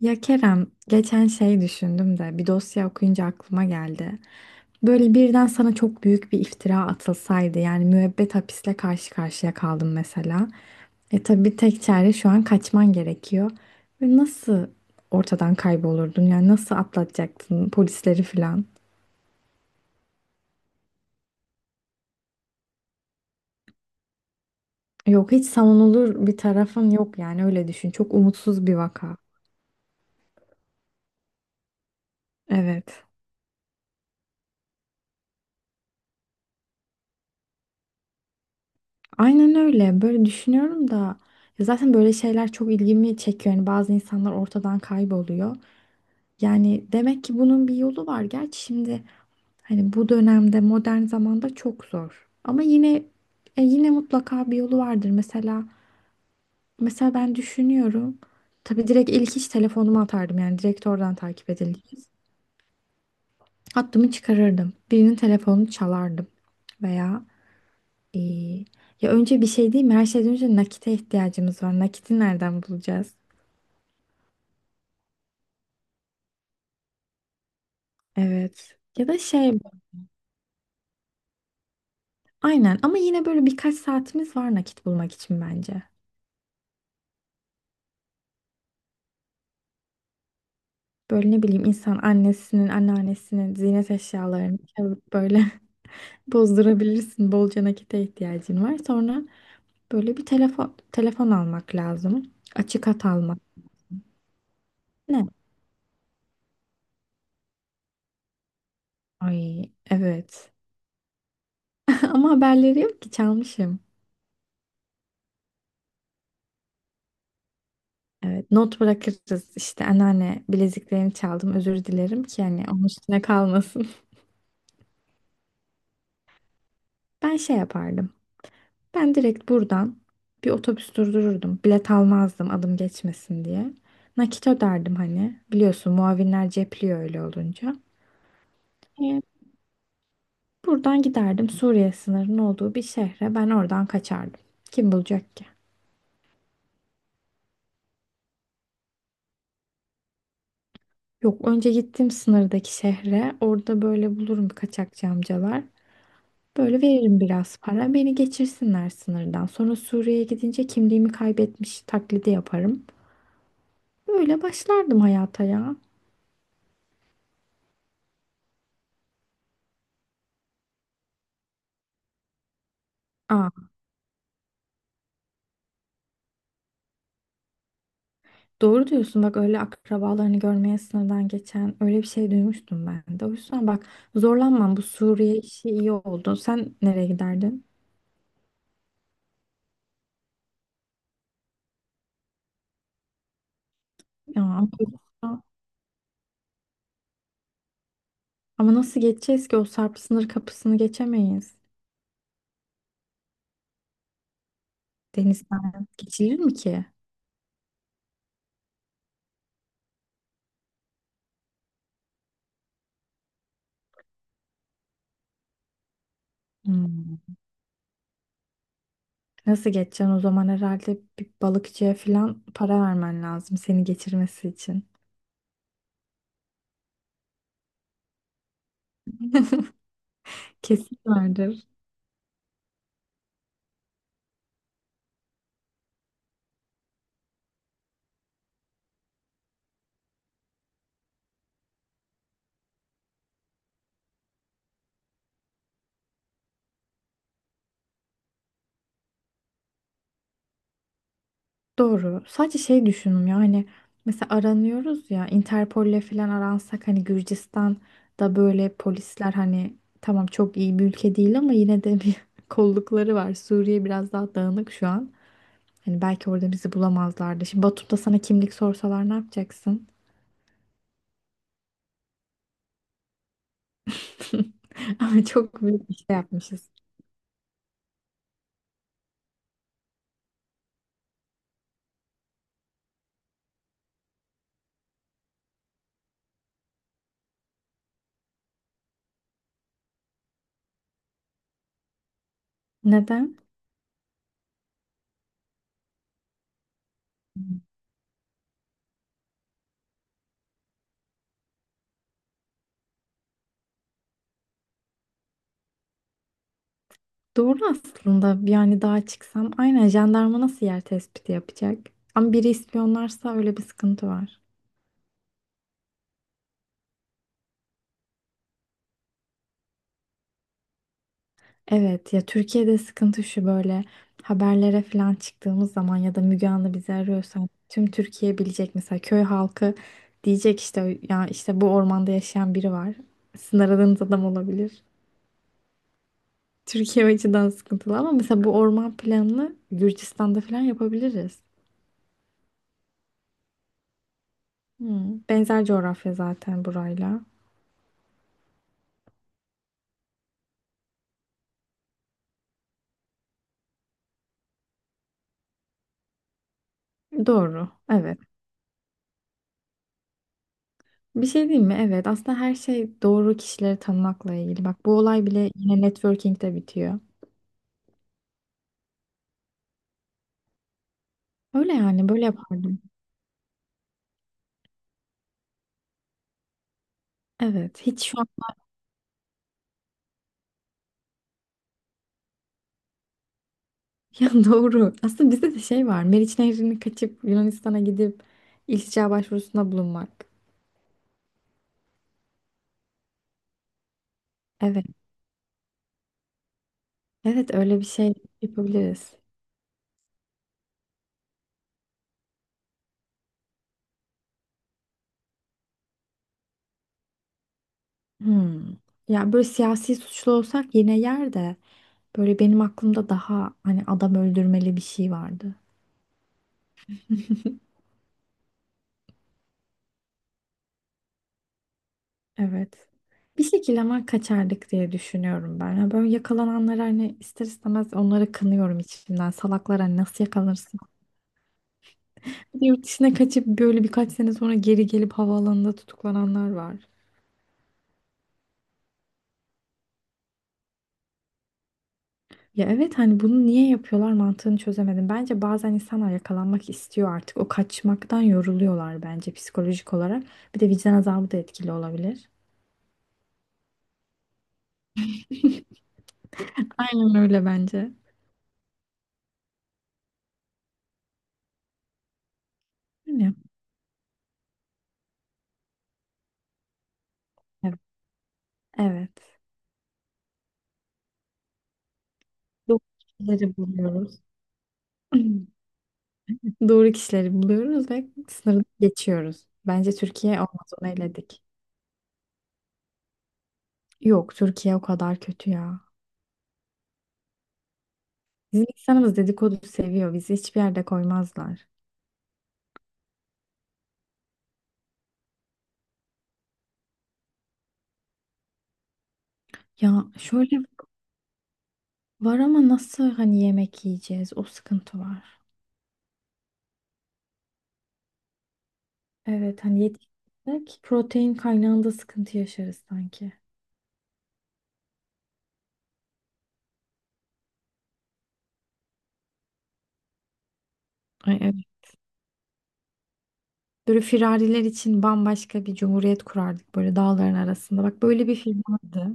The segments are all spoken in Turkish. Ya Kerem, geçen şey düşündüm de bir dosya okuyunca aklıma geldi. Böyle birden sana çok büyük bir iftira atılsaydı yani müebbet hapisle karşı karşıya kaldım mesela. E tabii tek çare şu an kaçman gerekiyor. Ve nasıl ortadan kaybolurdun yani nasıl atlatacaktın polisleri falan? Yok hiç savunulur bir tarafın yok yani öyle düşün. Çok umutsuz bir vaka. Evet. Aynen öyle. Böyle düşünüyorum da ya zaten böyle şeyler çok ilgimi çekiyor. Yani bazı insanlar ortadan kayboluyor. Yani demek ki bunun bir yolu var. Gerçi şimdi hani bu dönemde modern zamanda çok zor. Ama yine yine mutlaka bir yolu vardır. Mesela ben düşünüyorum. Tabii direkt ilk iş telefonumu atardım. Yani direkt oradan takip edileceğiz. Hattımı çıkarırdım. Birinin telefonunu çalardım veya İyi. Ya önce bir şey değil mi? Her şeyden önce nakite ihtiyacımız var. Nakiti nereden bulacağız? Evet. Ya da şey, aynen, ama yine böyle birkaç saatimiz var nakit bulmak için bence. Böyle ne bileyim insan annesinin, anneannesinin ziynet eşyalarını çalıp böyle bozdurabilirsin. Bolca nakite ihtiyacın var. Sonra böyle bir telefon almak lazım. Açık hat almak. Ne? Ay evet. Ama haberleri yok ki çalmışım. Evet, not bırakırız işte anneanne bileziklerini çaldım özür dilerim ki hani onun üstüne kalmasın. Ben şey yapardım. Ben direkt buradan bir otobüs durdururdum. Bilet almazdım adım geçmesin diye. Nakit öderdim hani. Biliyorsun muavinler cepliyor öyle olunca. Ee, buradan giderdim Suriye sınırının olduğu bir şehre. Ben oradan kaçardım. Kim bulacak ki? Yok önce gittim sınırdaki şehre. Orada böyle bulurum kaçakçı amcalar. Böyle veririm biraz para. Beni geçirsinler sınırdan. Sonra Suriye'ye gidince kimliğimi kaybetmiş taklidi yaparım. Böyle başlardım hayata ya. Aa, doğru diyorsun bak öyle akrabalarını görmeye sınırdan geçen öyle bir şey duymuştum ben de. O yüzden bak zorlanmam bu Suriye işi iyi oldu. Sen nereye giderdin? Ya, ama nasıl geçeceğiz ki o Sarp sınır kapısını geçemeyiz. Denizden geçilir mi ki? Hmm. Nasıl geçeceksin o zaman herhalde bir balıkçıya falan para vermen lazım seni geçirmesi için. Kesin vardır. Doğru. Sadece şey düşündüm ya hani mesela aranıyoruz ya Interpol'le falan aransak hani Gürcistan'da böyle polisler, hani tamam, çok iyi bir ülke değil ama yine de bir kollukları var. Suriye biraz daha dağınık şu an. Hani belki orada bizi bulamazlardı. Şimdi Batum'da sana kimlik sorsalar ne yapacaksın? Ama çok büyük bir şey yapmışız. Neden? Doğru aslında, yani daha çıksam, aynen jandarma nasıl yer tespiti yapacak? Ama biri ispiyonlarsa öyle bir sıkıntı var. Evet ya, Türkiye'de sıkıntı şu: böyle haberlere falan çıktığımız zaman ya da Müge Anlı bizi arıyorsa tüm Türkiye bilecek, mesela köy halkı diyecek işte ya işte bu ormanda yaşayan biri var. Sizin aradığınız adam olabilir. Türkiye o açıdan sıkıntılı ama mesela bu orman planını Gürcistan'da falan yapabiliriz. Hmm, benzer coğrafya zaten burayla. Doğru. Evet. Bir şey diyeyim mi? Evet, aslında her şey doğru kişileri tanımakla ilgili. Bak bu olay bile yine networking'de bitiyor. Öyle yani böyle yapardım. Evet, hiç şu an ya doğru. Aslında bizde de şey var: Meriç Nehri'ni kaçıp Yunanistan'a gidip iltica başvurusunda bulunmak. Evet, evet öyle bir şey yapabiliriz. Hmm. Ya böyle siyasi suçlu olsak yine yer de, böyle benim aklımda daha hani adam öldürmeli bir şey vardı. Evet. Bir şekilde ama kaçardık diye düşünüyorum ben. Yani böyle yakalananları hani ister istemez onları kınıyorum içimden. Salaklar hani nasıl yakalanırsın? Bir de yurt dışına kaçıp böyle birkaç sene sonra geri gelip havaalanında tutuklananlar var. Ya evet, hani bunu niye yapıyorlar mantığını çözemedim. Bence bazen insanlar yakalanmak istiyor artık. O kaçmaktan yoruluyorlar bence psikolojik olarak. Bir de vicdan azabı da etkili olabilir. Aynen öyle bence. Bilmiyorum. Evet. Evet. Doğru kişileri buluyoruz. Doğru kişileri buluyoruz ve sınırı geçiyoruz. Bence Türkiye olmaz, onu eledik. Yok Türkiye o kadar kötü ya. Bizim insanımız dedikodu seviyor. Bizi hiçbir yerde koymazlar. Ya şöyle var ama nasıl hani yemek yiyeceğiz? O sıkıntı var. Evet, hani yetiştirsek protein kaynağında sıkıntı yaşarız sanki. Ay, evet. Böyle firariler için bambaşka bir cumhuriyet kurardık böyle dağların arasında. Bak böyle bir film vardı.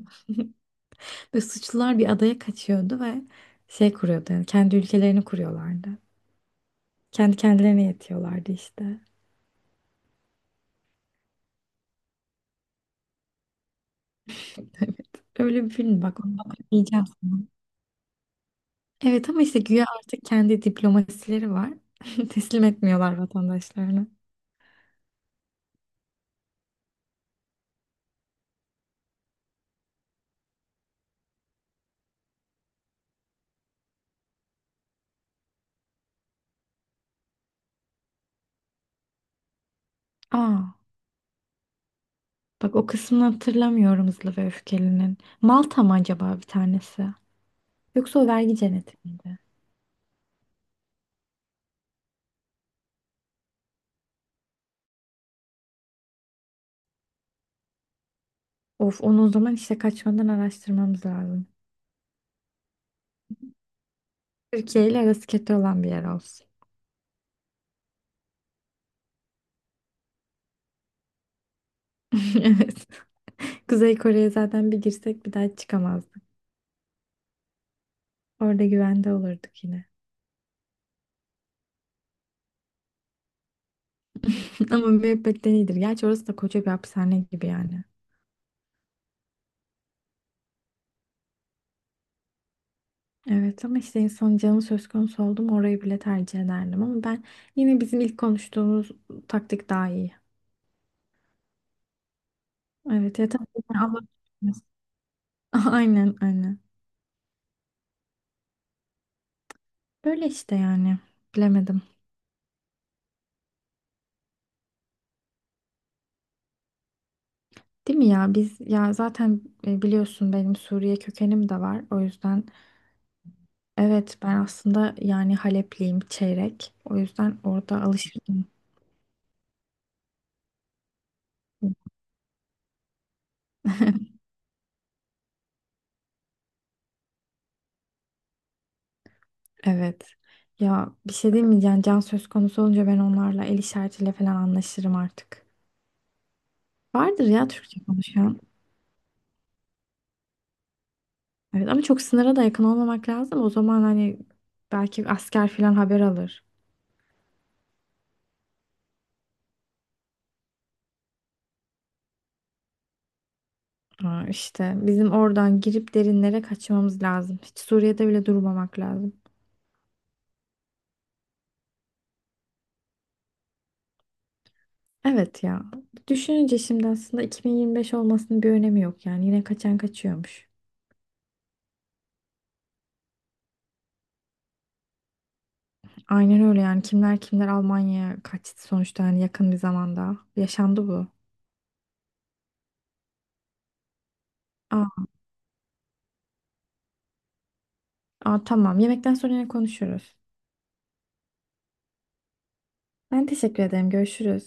Ve suçlular bir adaya kaçıyordu ve şey kuruyordu, yani kendi ülkelerini kuruyorlardı. Kendi kendilerine yetiyorlardı işte. Evet. Öyle bir film bak, onu bak diyeceğim sana. Evet ama işte güya artık kendi diplomasileri var. Teslim etmiyorlar vatandaşlarını. Aa, bak o kısmını hatırlamıyorum Hızlı ve Öfkeli'nin. Malta mı acaba bir tanesi? Yoksa o vergi cenneti miydi? Of, onu o zaman işte kaçmadan araştırmamız lazım. Türkiye ile arası kötü olan bir yer olsun. Evet. Kuzey Kore'ye zaten bir girsek bir daha çıkamazdık. Orada güvende olurduk yine. Ama müebbetten iyidir. Gerçi orası da koca bir hapishane gibi yani. Evet ama işte insan canı söz konusu oldu mu orayı bile tercih ederdim. Ama ben yine bizim ilk konuştuğumuz taktik daha iyi. Evet yeter. Allah korusun. Aynen aynen. Böyle işte yani. Bilemedim. Değil mi ya? Biz ya zaten biliyorsun benim Suriye kökenim de var. O yüzden. Evet, ben aslında yani Halepliyim çeyrek. O yüzden orada alışırdım. Evet. Ya bir şey diyeyim mi? Yani can söz konusu olunca ben onlarla el işaretiyle falan anlaşırım artık. Vardır ya Türkçe konuşan. Evet ama çok sınıra da yakın olmamak lazım. O zaman hani belki asker falan haber alır. Ha, işte bizim oradan girip derinlere kaçmamız lazım. Hiç Suriye'de bile durmamak lazım. Evet ya. Düşününce şimdi aslında 2025 olmasının bir önemi yok yani. Yine kaçan kaçıyormuş. Aynen öyle yani, kimler kimler Almanya'ya kaçtı sonuçta yani yakın bir zamanda. Yaşandı bu. Aa, aa, tamam, yemekten sonra yine konuşuruz. Ben teşekkür ederim. Görüşürüz.